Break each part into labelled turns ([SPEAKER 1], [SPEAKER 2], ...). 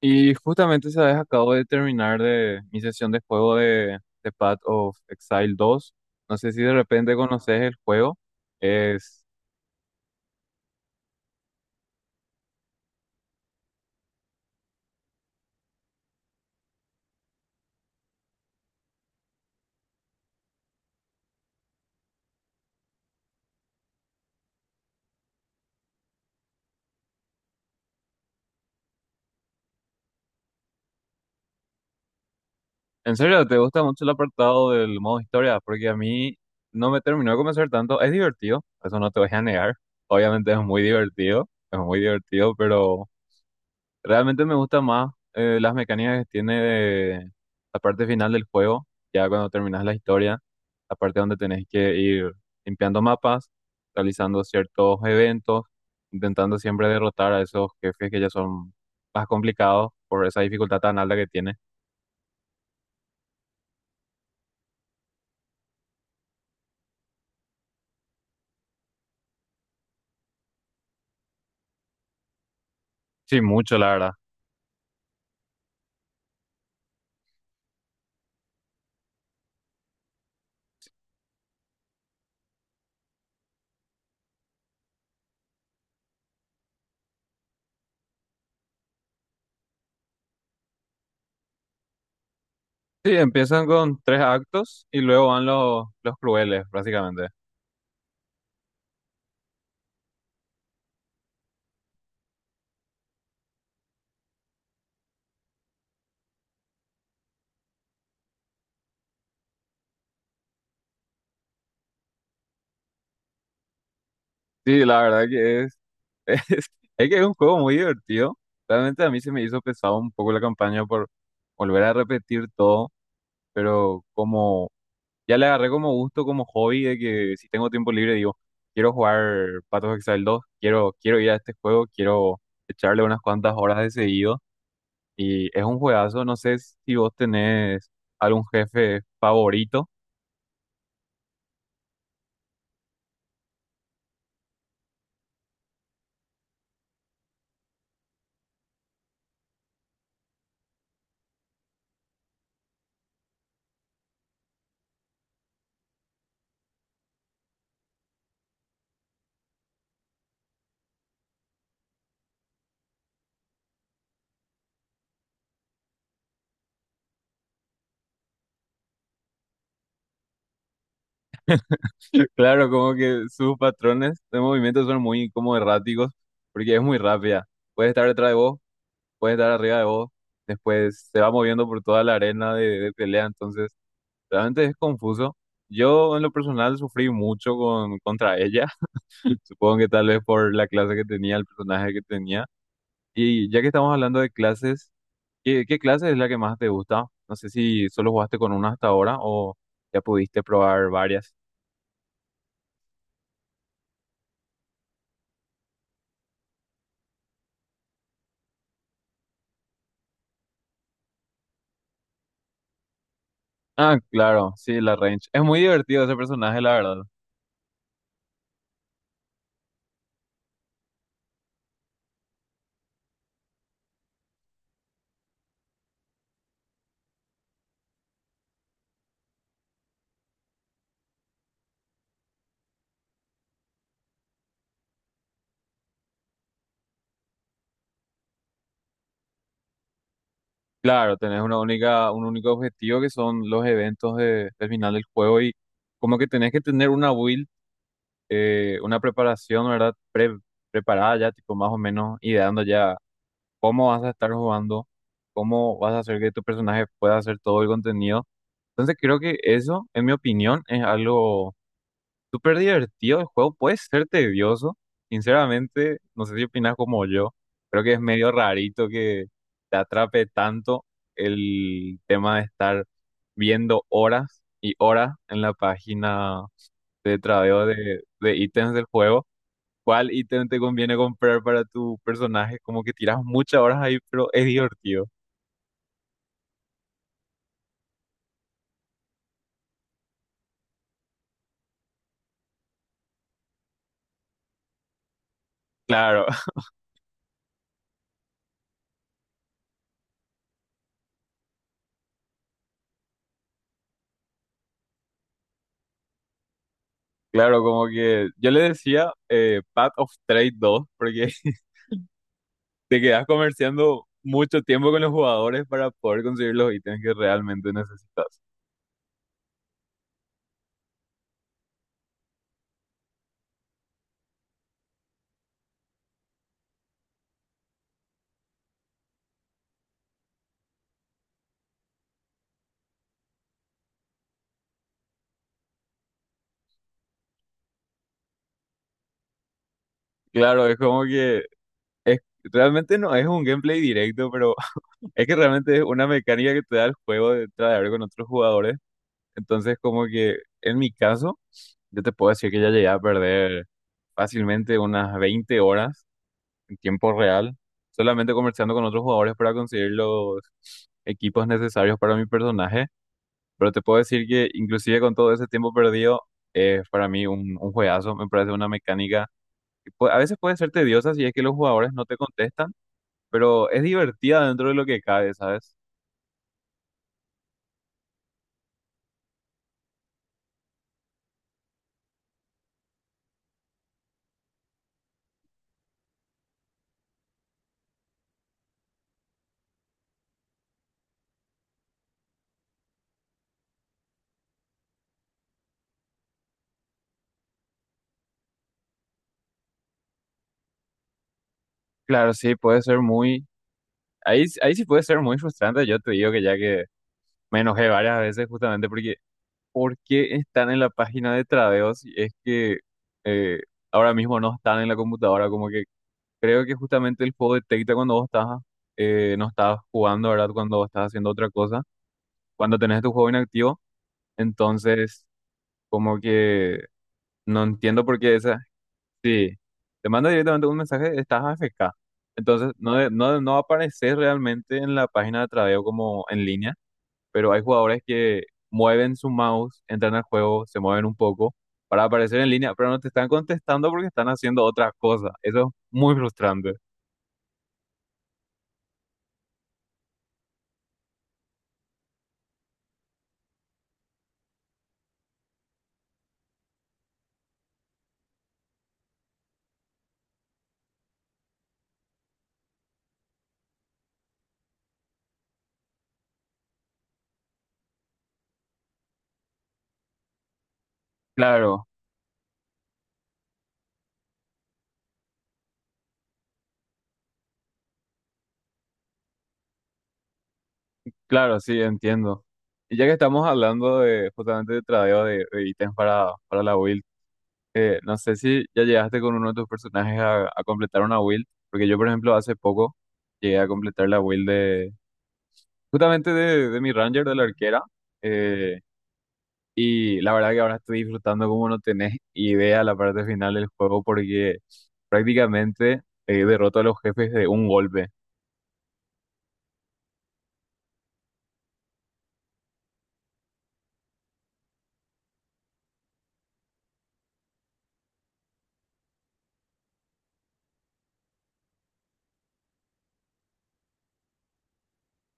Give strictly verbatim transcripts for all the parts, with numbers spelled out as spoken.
[SPEAKER 1] Y justamente, ¿sabes? Acabo de terminar de mi sesión de juego de, de Path of Exile dos. No sé si de repente conoces el juego. Es... En serio, ¿te gusta mucho el apartado del modo historia? Porque a mí no me terminó de convencer tanto. Es divertido, eso no te voy a negar. Obviamente es muy divertido, es muy divertido, pero realmente me gusta más eh, las mecánicas que tiene de la parte final del juego, ya cuando terminas la historia. La parte donde tenés que ir limpiando mapas, realizando ciertos eventos, intentando siempre derrotar a esos jefes que ya son más complicados por esa dificultad tan alta que tiene. Sí, mucho, la verdad. Sí, empiezan con tres actos y luego van los, los crueles, básicamente. Sí, la verdad que es, es, es que es un juego muy divertido. Realmente a mí se me hizo pesado un poco la campaña por volver a repetir todo, pero como ya le agarré como gusto, como hobby, de que si tengo tiempo libre digo, quiero jugar Path of Exile dos, quiero, quiero ir a este juego, quiero echarle unas cuantas horas de seguido. Y es un juegazo, no sé si vos tenés algún jefe favorito. Claro, como que sus patrones de movimiento son muy como erráticos, porque es muy rápida. Puede estar detrás de vos, puede estar arriba de vos, después se va moviendo por toda la arena de, de pelea, entonces... Realmente es confuso. Yo en lo personal sufrí mucho con, contra ella, supongo que tal vez por la clase que tenía, el personaje que tenía. Y ya que estamos hablando de clases, ¿qué, qué clase es la que más te gusta? No sé si solo jugaste con una hasta ahora o ya pudiste probar varias. Ah, claro, sí, la range. Es muy divertido ese personaje, la verdad. Claro, tenés una única, un único objetivo, que son los eventos de, del final del juego, y como que tenés que tener una build. eh, una preparación, ¿verdad? Pre- preparada ya, tipo más o menos, ideando ya cómo vas a estar jugando, cómo vas a hacer que tu personaje pueda hacer todo el contenido. Entonces creo que eso, en mi opinión, es algo súper divertido. El juego puede ser tedioso, sinceramente, no sé si opinas como yo, creo que es medio rarito que te atrape tanto el tema de estar viendo horas y horas en la página de tradeo de, de ítems del juego, cuál ítem te conviene comprar para tu personaje. Como que tiras muchas horas ahí, pero es divertido. Claro, claro, como que yo le decía, eh, Path of Trade dos, porque te quedas comerciando mucho tiempo con los jugadores para poder conseguir los ítems que realmente necesitas. Claro, es como que es, realmente no es un gameplay directo, pero es que realmente es una mecánica que te da el juego de tradear con otros jugadores. Entonces, como que en mi caso, yo te puedo decir que ya llegué a perder fácilmente unas veinte horas en tiempo real, solamente conversando con otros jugadores para conseguir los equipos necesarios para mi personaje. Pero te puedo decir que inclusive con todo ese tiempo perdido, es para mí un, un juegazo. Me parece una mecánica que pu- a veces puede ser tediosa si es que los jugadores no te contestan, pero es divertida dentro de lo que cabe, ¿sabes? Claro, sí, puede ser muy... Ahí, ahí sí puede ser muy frustrante. Yo te digo que ya que me enojé varias veces justamente porque ¿por qué están en la página de tradeo si es que eh, ahora mismo no están en la computadora? Como que creo que justamente el juego detecta cuando vos estás, eh, no estás jugando, ¿verdad? Cuando vos estás haciendo otra cosa, cuando tenés tu juego inactivo. Entonces, como que no entiendo por qué esa. Sí, te manda directamente un mensaje, estás A F K. Entonces, no, de- no, no apareces realmente en la página de tradeo como en línea, pero hay jugadores que mueven su mouse, entran al juego, se mueven un poco para aparecer en línea, pero no te están contestando porque están haciendo otras cosas. Eso es muy frustrante. Claro, claro, sí, entiendo. Y ya que estamos hablando de justamente de tradeo de, de ítems para, para la build, que no sé si ya llegaste con uno de tus personajes a, a completar una build, porque yo, por ejemplo, hace poco llegué a completar la build de justamente de, de mi Ranger, de la arquera. eh, Y la verdad que ahora estoy disfrutando como no tenés idea la parte final del juego, porque prácticamente eh, derroto a los jefes de un golpe.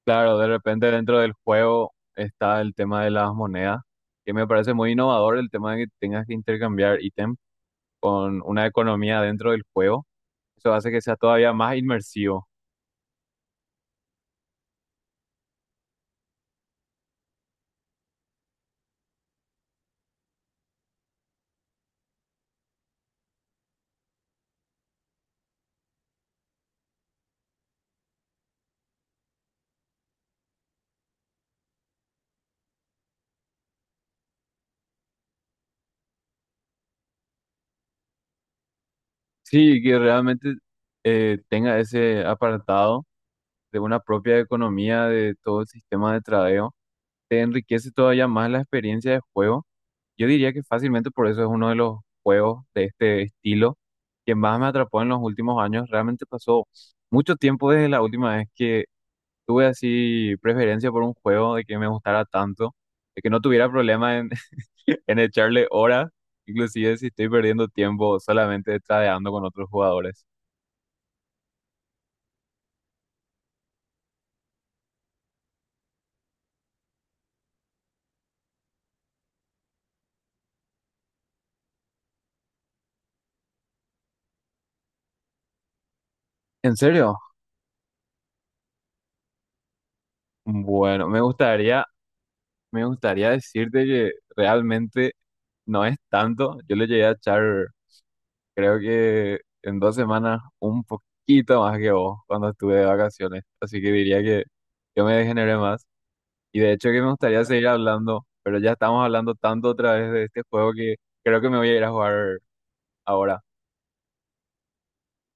[SPEAKER 1] Claro, de repente dentro del juego está el tema de las monedas, que me parece muy innovador el tema de que tengas que intercambiar ítem con una economía dentro del juego. Eso hace que sea todavía más inmersivo. Sí, que realmente eh, tenga ese apartado de una propia economía de todo el sistema de tradeo. Te enriquece todavía más la experiencia de juego. Yo diría que fácilmente por eso es uno de los juegos de este estilo que más me atrapó en los últimos años. Realmente pasó mucho tiempo desde la última vez que tuve así preferencia por un juego, de que me gustara tanto, de que no tuviera problema en, en echarle horas, inclusive si estoy perdiendo tiempo solamente tradeando con otros jugadores. ¿En serio? Bueno, me gustaría, me gustaría decirte que realmente no es tanto. Yo le llegué a echar, creo que en dos semanas, un poquito más que vos cuando estuve de vacaciones, así que diría que yo me degeneré más. Y de hecho que me gustaría seguir hablando, pero ya estamos hablando tanto otra vez de este juego que creo que me voy a ir a jugar ahora.